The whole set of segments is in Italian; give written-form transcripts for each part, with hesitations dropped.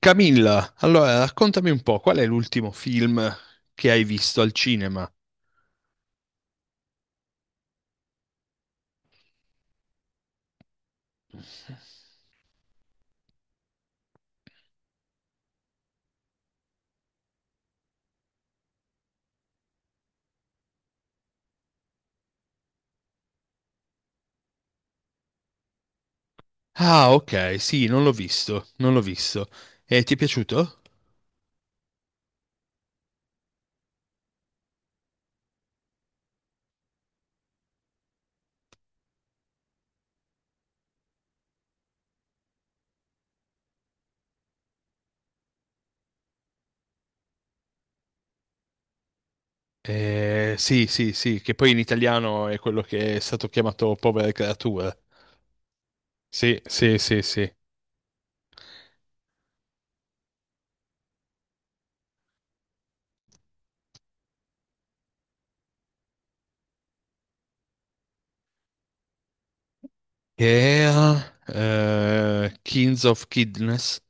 Camilla, allora raccontami un po', qual è l'ultimo film che hai visto al cinema? Ah, ok, sì, non l'ho visto, non l'ho visto. E ti è piaciuto? Sì, sì, sì, che poi in italiano è quello che è stato chiamato Povere creature. Sì, sì, sì, sì. Che era Kings of Kidness,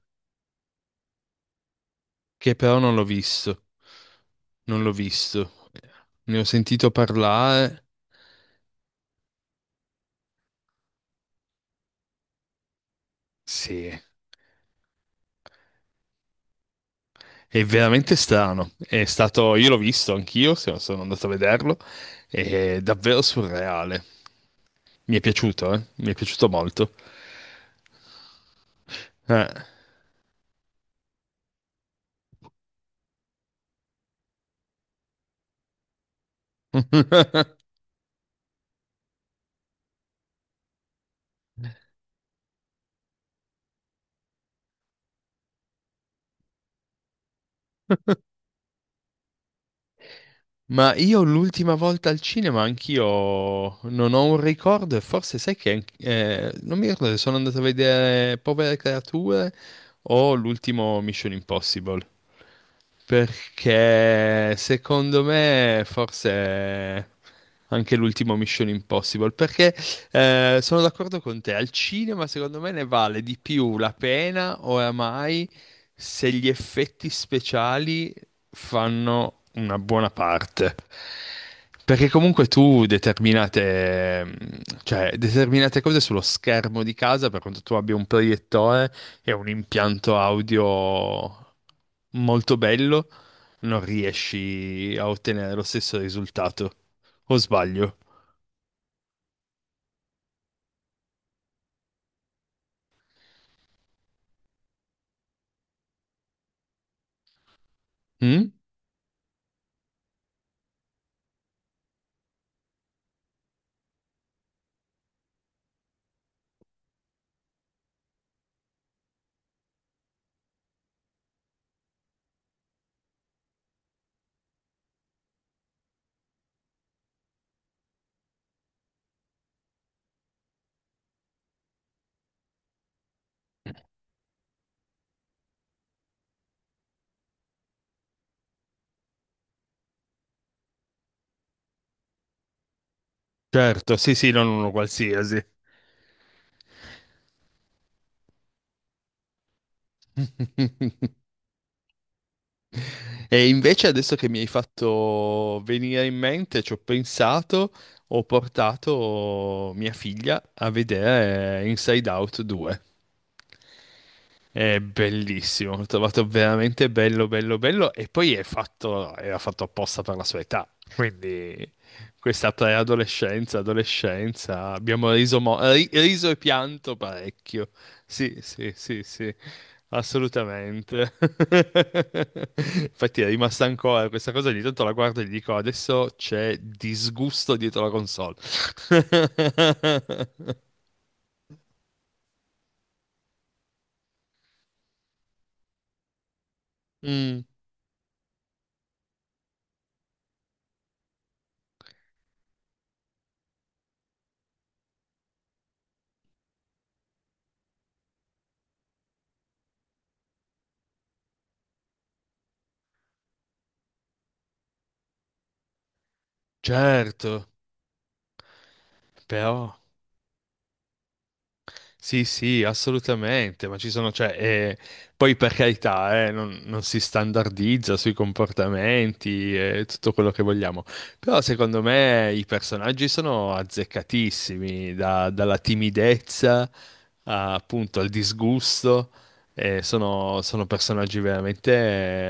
che però non l'ho visto. Non l'ho visto. Ne ho sentito parlare. Sì. È veramente strano. È stato, io l'ho visto anch'io, no sono andato a vederlo. È davvero surreale. Mi è piaciuto, eh? Mi è piaciuto molto. Eh. Ma io l'ultima volta al cinema anch'io non ho un ricordo e forse sai che non mi ricordo se sono andato a vedere Povere Creature o l'ultimo Mission Impossible. Perché secondo me forse anche l'ultimo Mission Impossible. Perché sono d'accordo con te, al cinema secondo me ne vale di più la pena oramai se gli effetti speciali fanno una buona parte. Perché comunque tu determinate, cioè, determinate cose sullo schermo di casa, per quanto tu abbia un proiettore e un impianto audio molto bello, non riesci a ottenere lo stesso risultato. O sbaglio? Mm? Certo, sì, sì, non uno qualsiasi. E invece adesso che mi hai fatto venire in mente, ci ho pensato, ho portato mia figlia a vedere Inside Out 2. È bellissimo, l'ho trovato veramente bello, bello, bello e poi è fatto, era fatto apposta per la sua età, quindi questa preadolescenza, adolescenza, abbiamo riso, riso e pianto parecchio, sì, sì, sì, sì, assolutamente. Infatti è rimasta ancora questa cosa, ogni tanto la guardo e gli dico adesso c'è disgusto dietro la console. Mm, certo, però... Sì, sì, assolutamente, ma ci sono, cioè, poi per carità, non, non si standardizza sui comportamenti e tutto quello che vogliamo, però secondo me i personaggi sono azzeccatissimi, dalla timidezza a, appunto al disgusto, sono, sono personaggi veramente,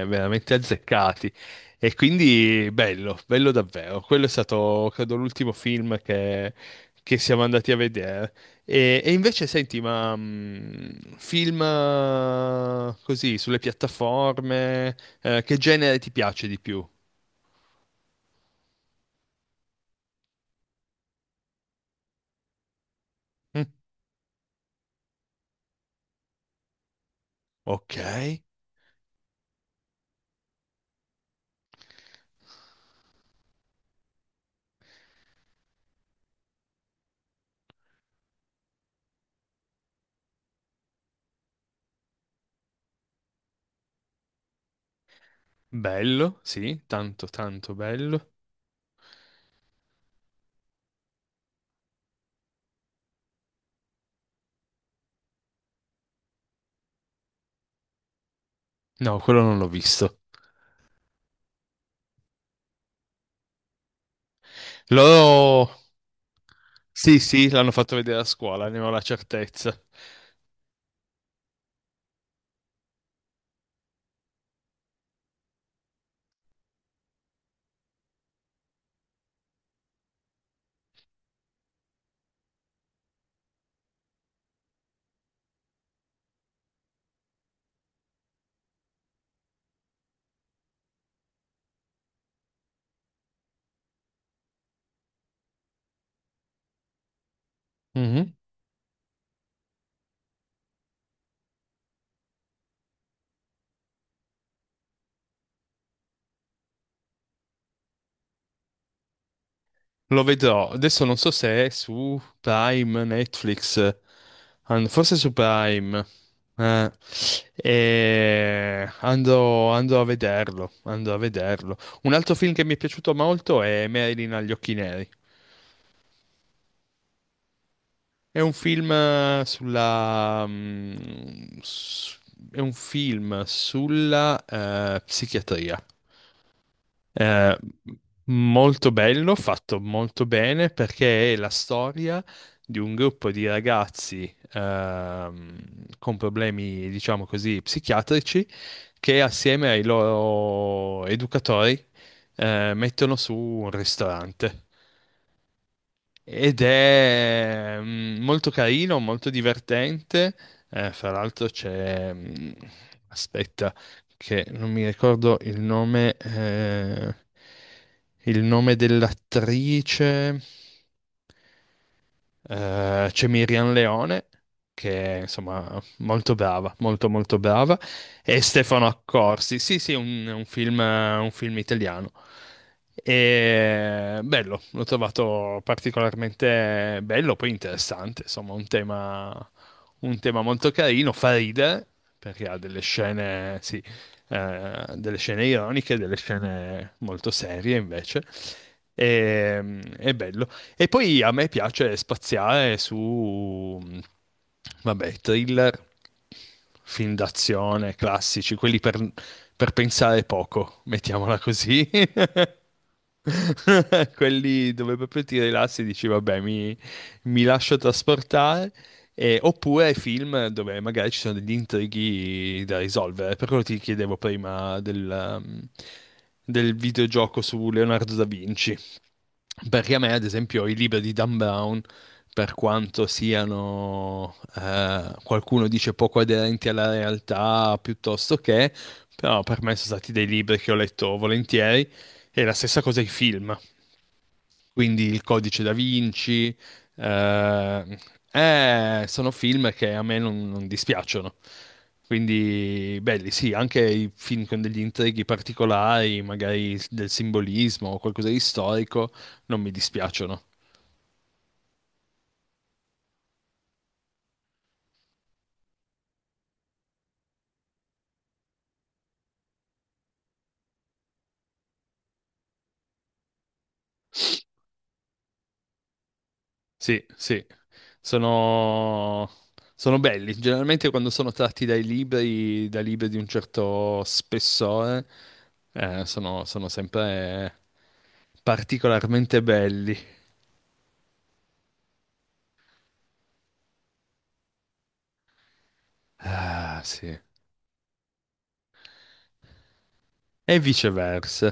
veramente azzeccati e quindi bello, bello davvero, quello è stato, credo, l'ultimo film che siamo andati a vedere. E invece, senti, ma film così sulle piattaforme, che genere ti piace di più? Mm, ok, bello, sì, tanto, tanto bello. No, quello non l'ho visto. L'ho... Sì, sì, l'hanno fatto vedere a scuola, ne ho la certezza. Mhm. Lo vedrò. Adesso non so se è su Prime, Netflix, forse su Prime. Eh, e andrò, andrò a vederlo, andrò a vederlo. Un altro film che mi è piaciuto molto è Marilyn agli occhi neri. È un film sulla... È un film sulla psichiatria. Eh, molto bello, fatto molto bene perché è la storia di un gruppo di ragazzi con problemi, diciamo così, psichiatrici che assieme ai loro educatori mettono su un ristorante. Ed è molto carino, molto divertente. Fra l'altro c'è... Aspetta, che non mi ricordo il nome dell'attrice. C'è Miriam Leone, che è insomma molto brava, molto brava, e Stefano Accorsi. Sì, sì, un film italiano. E bello, l'ho trovato particolarmente bello, poi interessante, insomma, un tema molto carino, fa ridere, perché ha delle scene, sì, delle scene ironiche, delle scene molto serie invece. E, è bello. E poi a me piace spaziare su, vabbè, thriller, film d'azione, classici, quelli per pensare poco, mettiamola così. Quelli dove proprio ti rilassi e dici, vabbè, mi lascio trasportare. Oppure film dove magari ci sono degli intrighi da risolvere. Per quello ti chiedevo prima del, del videogioco su Leonardo da Vinci. Perché a me, ad esempio, i libri di Dan Brown, per quanto siano, qualcuno dice poco aderenti alla realtà, piuttosto che, però per me sono stati dei libri che ho letto volentieri, e la stessa cosa i film. Quindi Il Codice da Vinci, eh, sono film che a me non, non dispiacciono. Quindi belli, sì, anche i film con degli intrighi particolari, magari del simbolismo o qualcosa di storico, non mi dispiacciono. Sì, sì, sono, sono belli. Generalmente quando sono tratti dai libri, da libri di un certo spessore, sono sempre particolarmente belli. Ah, sì. E viceversa.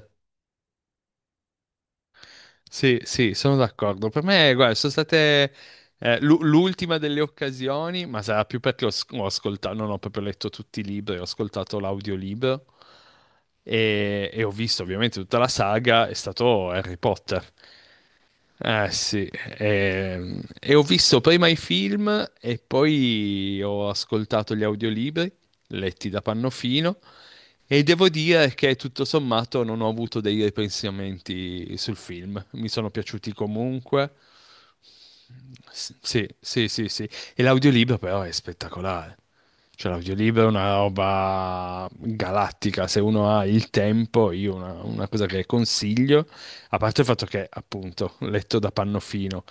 Sì, sì, sono d'accordo. Per me, guarda, sono state l'ultima delle occasioni, ma sarà più perché ho, ho ascoltato, non ho proprio letto tutti i libri, ho ascoltato l'audiolibro e ho visto ovviamente tutta la saga, è stato Harry Potter. Eh sì, e, ho visto prima i film e poi ho ascoltato gli audiolibri letti da Pannofino e devo dire che tutto sommato non ho avuto dei ripensamenti sul film, mi sono piaciuti comunque. Sì, sì, sì, sì. E l'audiolibro però è spettacolare. Cioè l'audiolibro è una roba galattica, se uno ha il tempo, io una cosa che consiglio, a parte il fatto che appunto letto da Pannofino,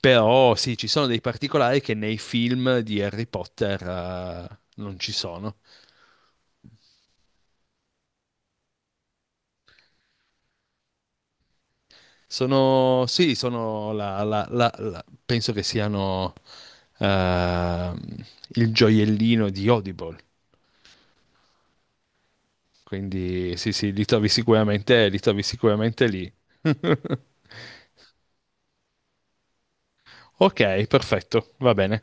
però sì, ci sono dei particolari che nei film di Harry Potter non ci sono. Sono, sì, sono penso che siano ehm, il gioiellino di Audible. Quindi sì, sì, li trovi sicuramente lì. Ok, perfetto, va bene.